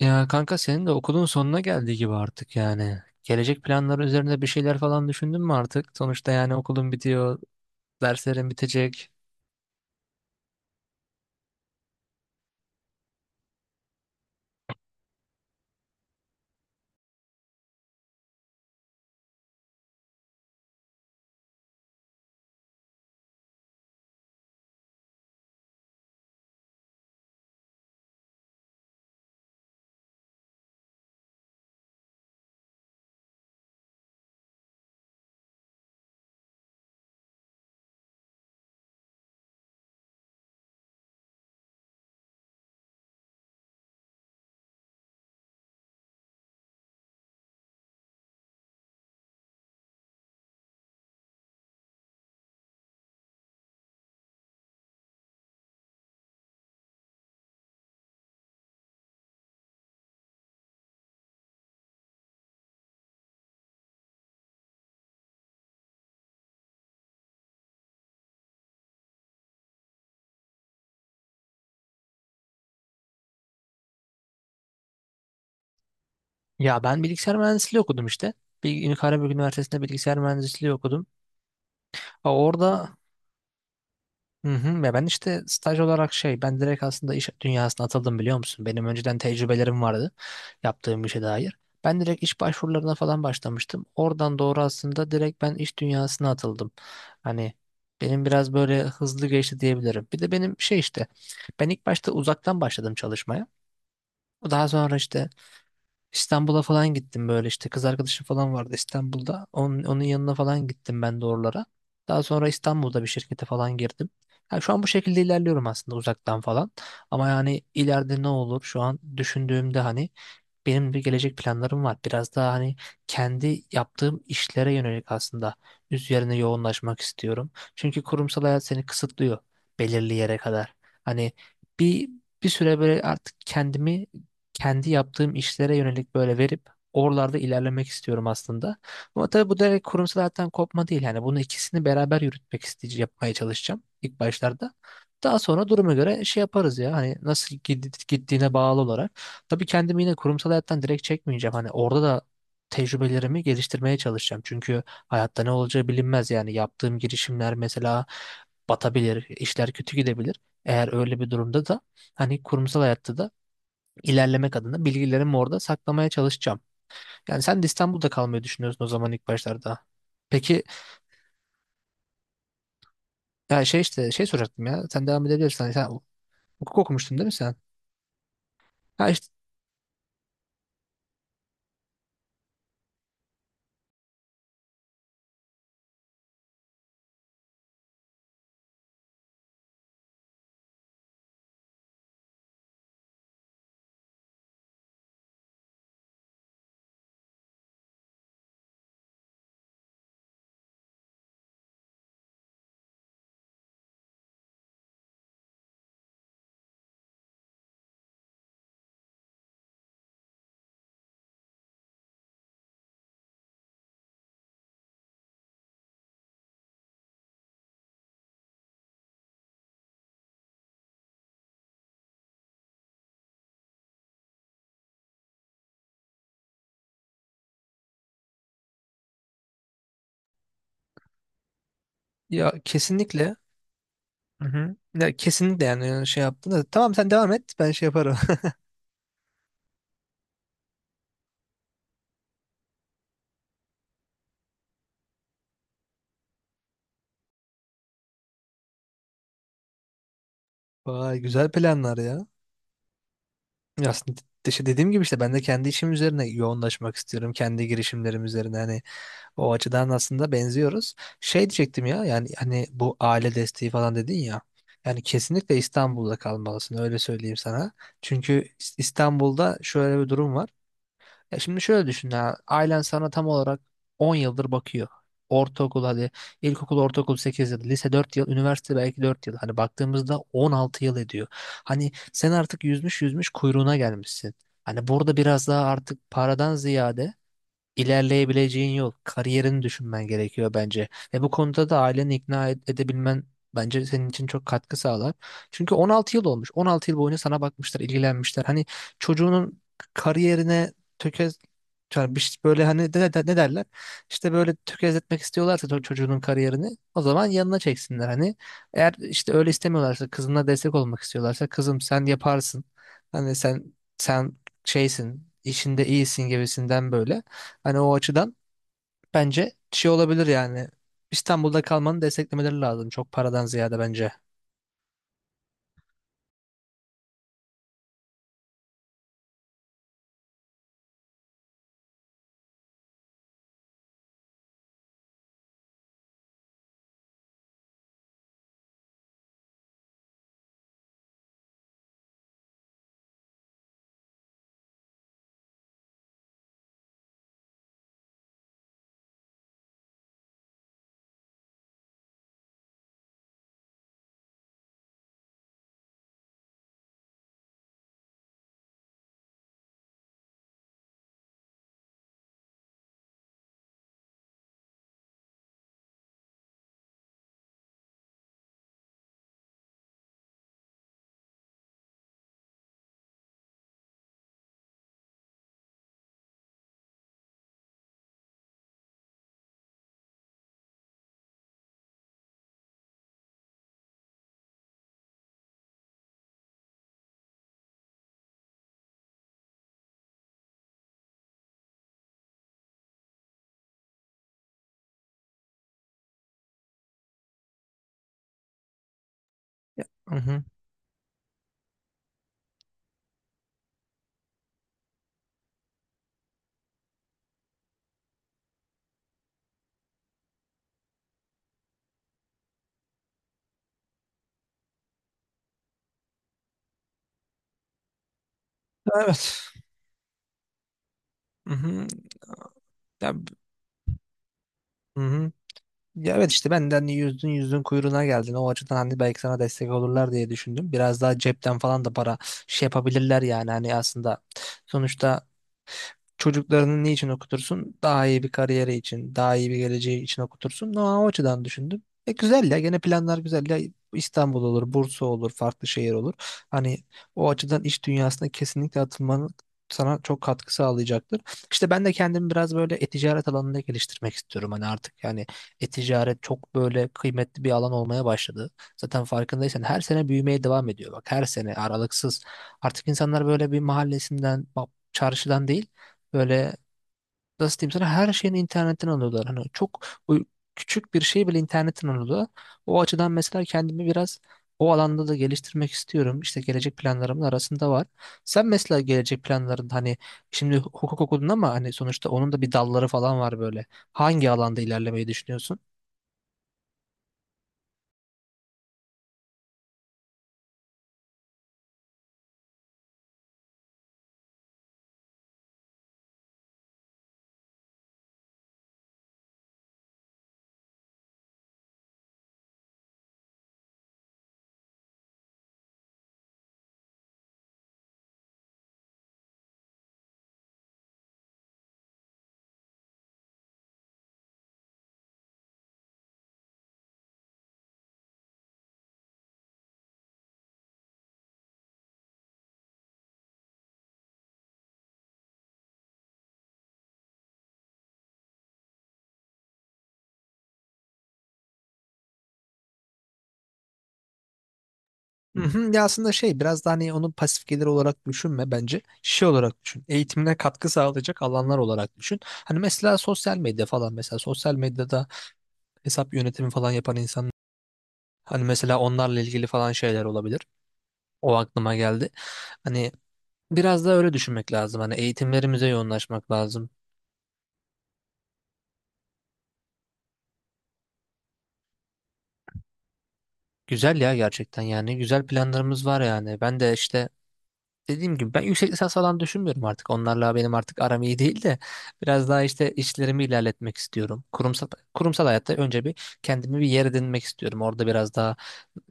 Ya kanka senin de okulun sonuna geldiği gibi artık yani. Gelecek planları üzerinde bir şeyler falan düşündün mü artık? Sonuçta yani okulun bitiyor, derslerin bitecek. Ya ben bilgisayar mühendisliği okudum işte. Karabük Üniversitesi'nde bilgisayar mühendisliği okudum. Ha, orada. Hı hı. Ya ben işte staj olarak şey ben direkt aslında iş dünyasına atıldım biliyor musun? Benim önceden tecrübelerim vardı yaptığım işe dair. Ben direkt iş başvurularına falan başlamıştım. Oradan doğru aslında direkt ben iş dünyasına atıldım. Hani benim biraz böyle hızlı geçti diyebilirim. Bir de benim şey işte ben ilk başta uzaktan başladım çalışmaya. Daha sonra işte İstanbul'a falan gittim böyle işte kız arkadaşım falan vardı İstanbul'da. Onun, yanına falan gittim ben de oralara. Daha sonra İstanbul'da bir şirkete falan girdim. Yani şu an bu şekilde ilerliyorum aslında uzaktan falan. Ama yani ileride ne olur şu an düşündüğümde hani benim bir gelecek planlarım var. Biraz daha hani kendi yaptığım işlere yönelik aslında üzerine yoğunlaşmak istiyorum. Çünkü kurumsal hayat seni kısıtlıyor belirli yere kadar. Hani bir bir süre böyle artık kendimi kendi yaptığım işlere yönelik böyle verip oralarda ilerlemek istiyorum aslında. Ama tabii bu direkt kurumsal hayattan kopma değil. Yani bunu ikisini beraber yürütmek isteyeceğim, yapmaya çalışacağım ilk başlarda. Daha sonra duruma göre şey yaparız ya hani nasıl gittiğine bağlı olarak. Tabii kendimi yine kurumsal hayattan direkt çekmeyeceğim. Hani orada da tecrübelerimi geliştirmeye çalışacağım. Çünkü hayatta ne olacağı bilinmez yani. Yaptığım girişimler mesela batabilir, işler kötü gidebilir. Eğer öyle bir durumda da hani kurumsal hayatta da ilerlemek adına bilgilerimi orada saklamaya çalışacağım. Yani sen de İstanbul'da kalmayı düşünüyorsun o zaman ilk başlarda. Peki ya şey işte şey soracaktım ya. Sen devam edebilirsin. Hani sen hukuk okumuştun değil mi sen? Ha işte ya, kesinlikle. Hı hı. Ya, kesinlikle yani şey yaptın da. Tamam sen devam et ben şey yaparım. Vay güzel planlar ya. Ya aslında işte dediğim gibi işte ben de kendi işim üzerine yoğunlaşmak istiyorum. Kendi girişimlerim üzerine hani o açıdan aslında benziyoruz. Şey diyecektim ya yani hani bu aile desteği falan dedin ya. Yani kesinlikle İstanbul'da kalmalısın öyle söyleyeyim sana. Çünkü İstanbul'da şöyle bir durum var. Ya şimdi şöyle düşün ya. Ailen sana tam olarak 10 yıldır bakıyor. Ortaokul hadi, ilkokul ortaokul 8 yıl, lise 4 yıl, üniversite belki 4 yıl, hani baktığımızda 16 yıl ediyor. Hani sen artık yüzmüş yüzmüş kuyruğuna gelmişsin. Hani burada biraz daha artık paradan ziyade ilerleyebileceğin yol, kariyerini düşünmen gerekiyor bence. Ve bu konuda da aileni ikna edebilmen bence senin için çok katkı sağlar. Çünkü 16 yıl olmuş. 16 yıl boyunca sana bakmışlar, ilgilenmişler. Hani çocuğunun kariyerine tökez yani bir böyle hani ne derler? İşte böyle tökezletmek istiyorlarsa çocuğunun kariyerini o zaman yanına çeksinler hani. Eğer işte öyle istemiyorlarsa, kızına destek olmak istiyorlarsa, kızım sen yaparsın. Hani sen şeysin, işinde iyisin gibisinden böyle. Hani o açıdan bence şey olabilir yani. İstanbul'da kalmanı desteklemeleri lazım. Çok paradan ziyade bence. Hı hı. Evet. Hı hı. Ya, hı hı. Ya evet işte benden yüzdün yüzdün kuyruğuna geldin. O açıdan hani belki sana destek olurlar diye düşündüm. Biraz daha cepten falan da para şey yapabilirler yani. Hani aslında, sonuçta çocuklarını niçin okutursun? Daha iyi bir kariyeri için, daha iyi bir geleceği için okutursun. No, o açıdan düşündüm. Güzel ya, gene planlar güzel ya. İstanbul olur, Bursa olur, farklı şehir olur. Hani o açıdan iş dünyasına kesinlikle atılmanın sana çok katkı sağlayacaktır. İşte ben de kendimi biraz böyle e-ticaret alanında geliştirmek istiyorum. Hani artık yani e-ticaret çok böyle kıymetli bir alan olmaya başladı. Zaten farkındaysan her sene büyümeye devam ediyor. Bak, her sene aralıksız. Artık insanlar böyle bir mahallesinden, bak, çarşıdan değil, böyle nasıl diyeyim sana, her şeyin internetten alıyorlar. Hani çok küçük bir şey bile internetten alıyorlar. O açıdan mesela kendimi biraz o alanda da geliştirmek istiyorum. İşte gelecek planlarımın arasında var. Sen mesela gelecek planların hani şimdi hukuk okudun ama hani sonuçta onun da bir dalları falan var böyle. Hangi alanda ilerlemeyi düşünüyorsun? Hı hı. Ya aslında şey biraz da hani onu pasif gelir olarak düşünme bence. Şey olarak düşün. Eğitimine katkı sağlayacak alanlar olarak düşün. Hani mesela sosyal medya falan, mesela sosyal medyada hesap yönetimi falan yapan insan, hani mesela onlarla ilgili falan şeyler olabilir. O aklıma geldi. Hani biraz da öyle düşünmek lazım. Hani eğitimlerimize yoğunlaşmak lazım. Güzel ya, gerçekten yani güzel planlarımız var yani. Ben de işte dediğim gibi ben yüksek lisans falan düşünmüyorum artık. Onlarla benim artık aram iyi değil de biraz daha işte işlerimi ilerletmek istiyorum. Kurumsal hayatta önce bir kendimi bir yer edinmek istiyorum. Orada biraz daha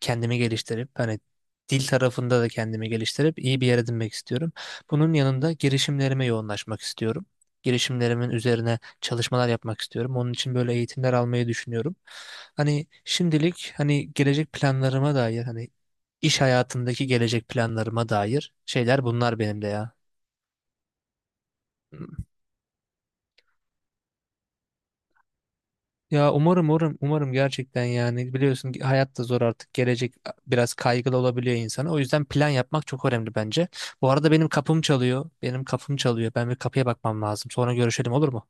kendimi geliştirip hani dil tarafında da kendimi geliştirip iyi bir yer edinmek istiyorum. Bunun yanında girişimlerime yoğunlaşmak istiyorum. Girişimlerimin üzerine çalışmalar yapmak istiyorum. Onun için böyle eğitimler almayı düşünüyorum. Hani şimdilik hani gelecek planlarıma dair, hani iş hayatındaki gelecek planlarıma dair şeyler bunlar benim de ya. Ya umarım umarım umarım gerçekten yani, biliyorsun ki hayat da zor artık, gelecek biraz kaygılı olabiliyor insana, o yüzden plan yapmak çok önemli bence. Bu arada benim kapım çalıyor, benim kapım çalıyor, ben bir kapıya bakmam lazım, sonra görüşelim olur mu?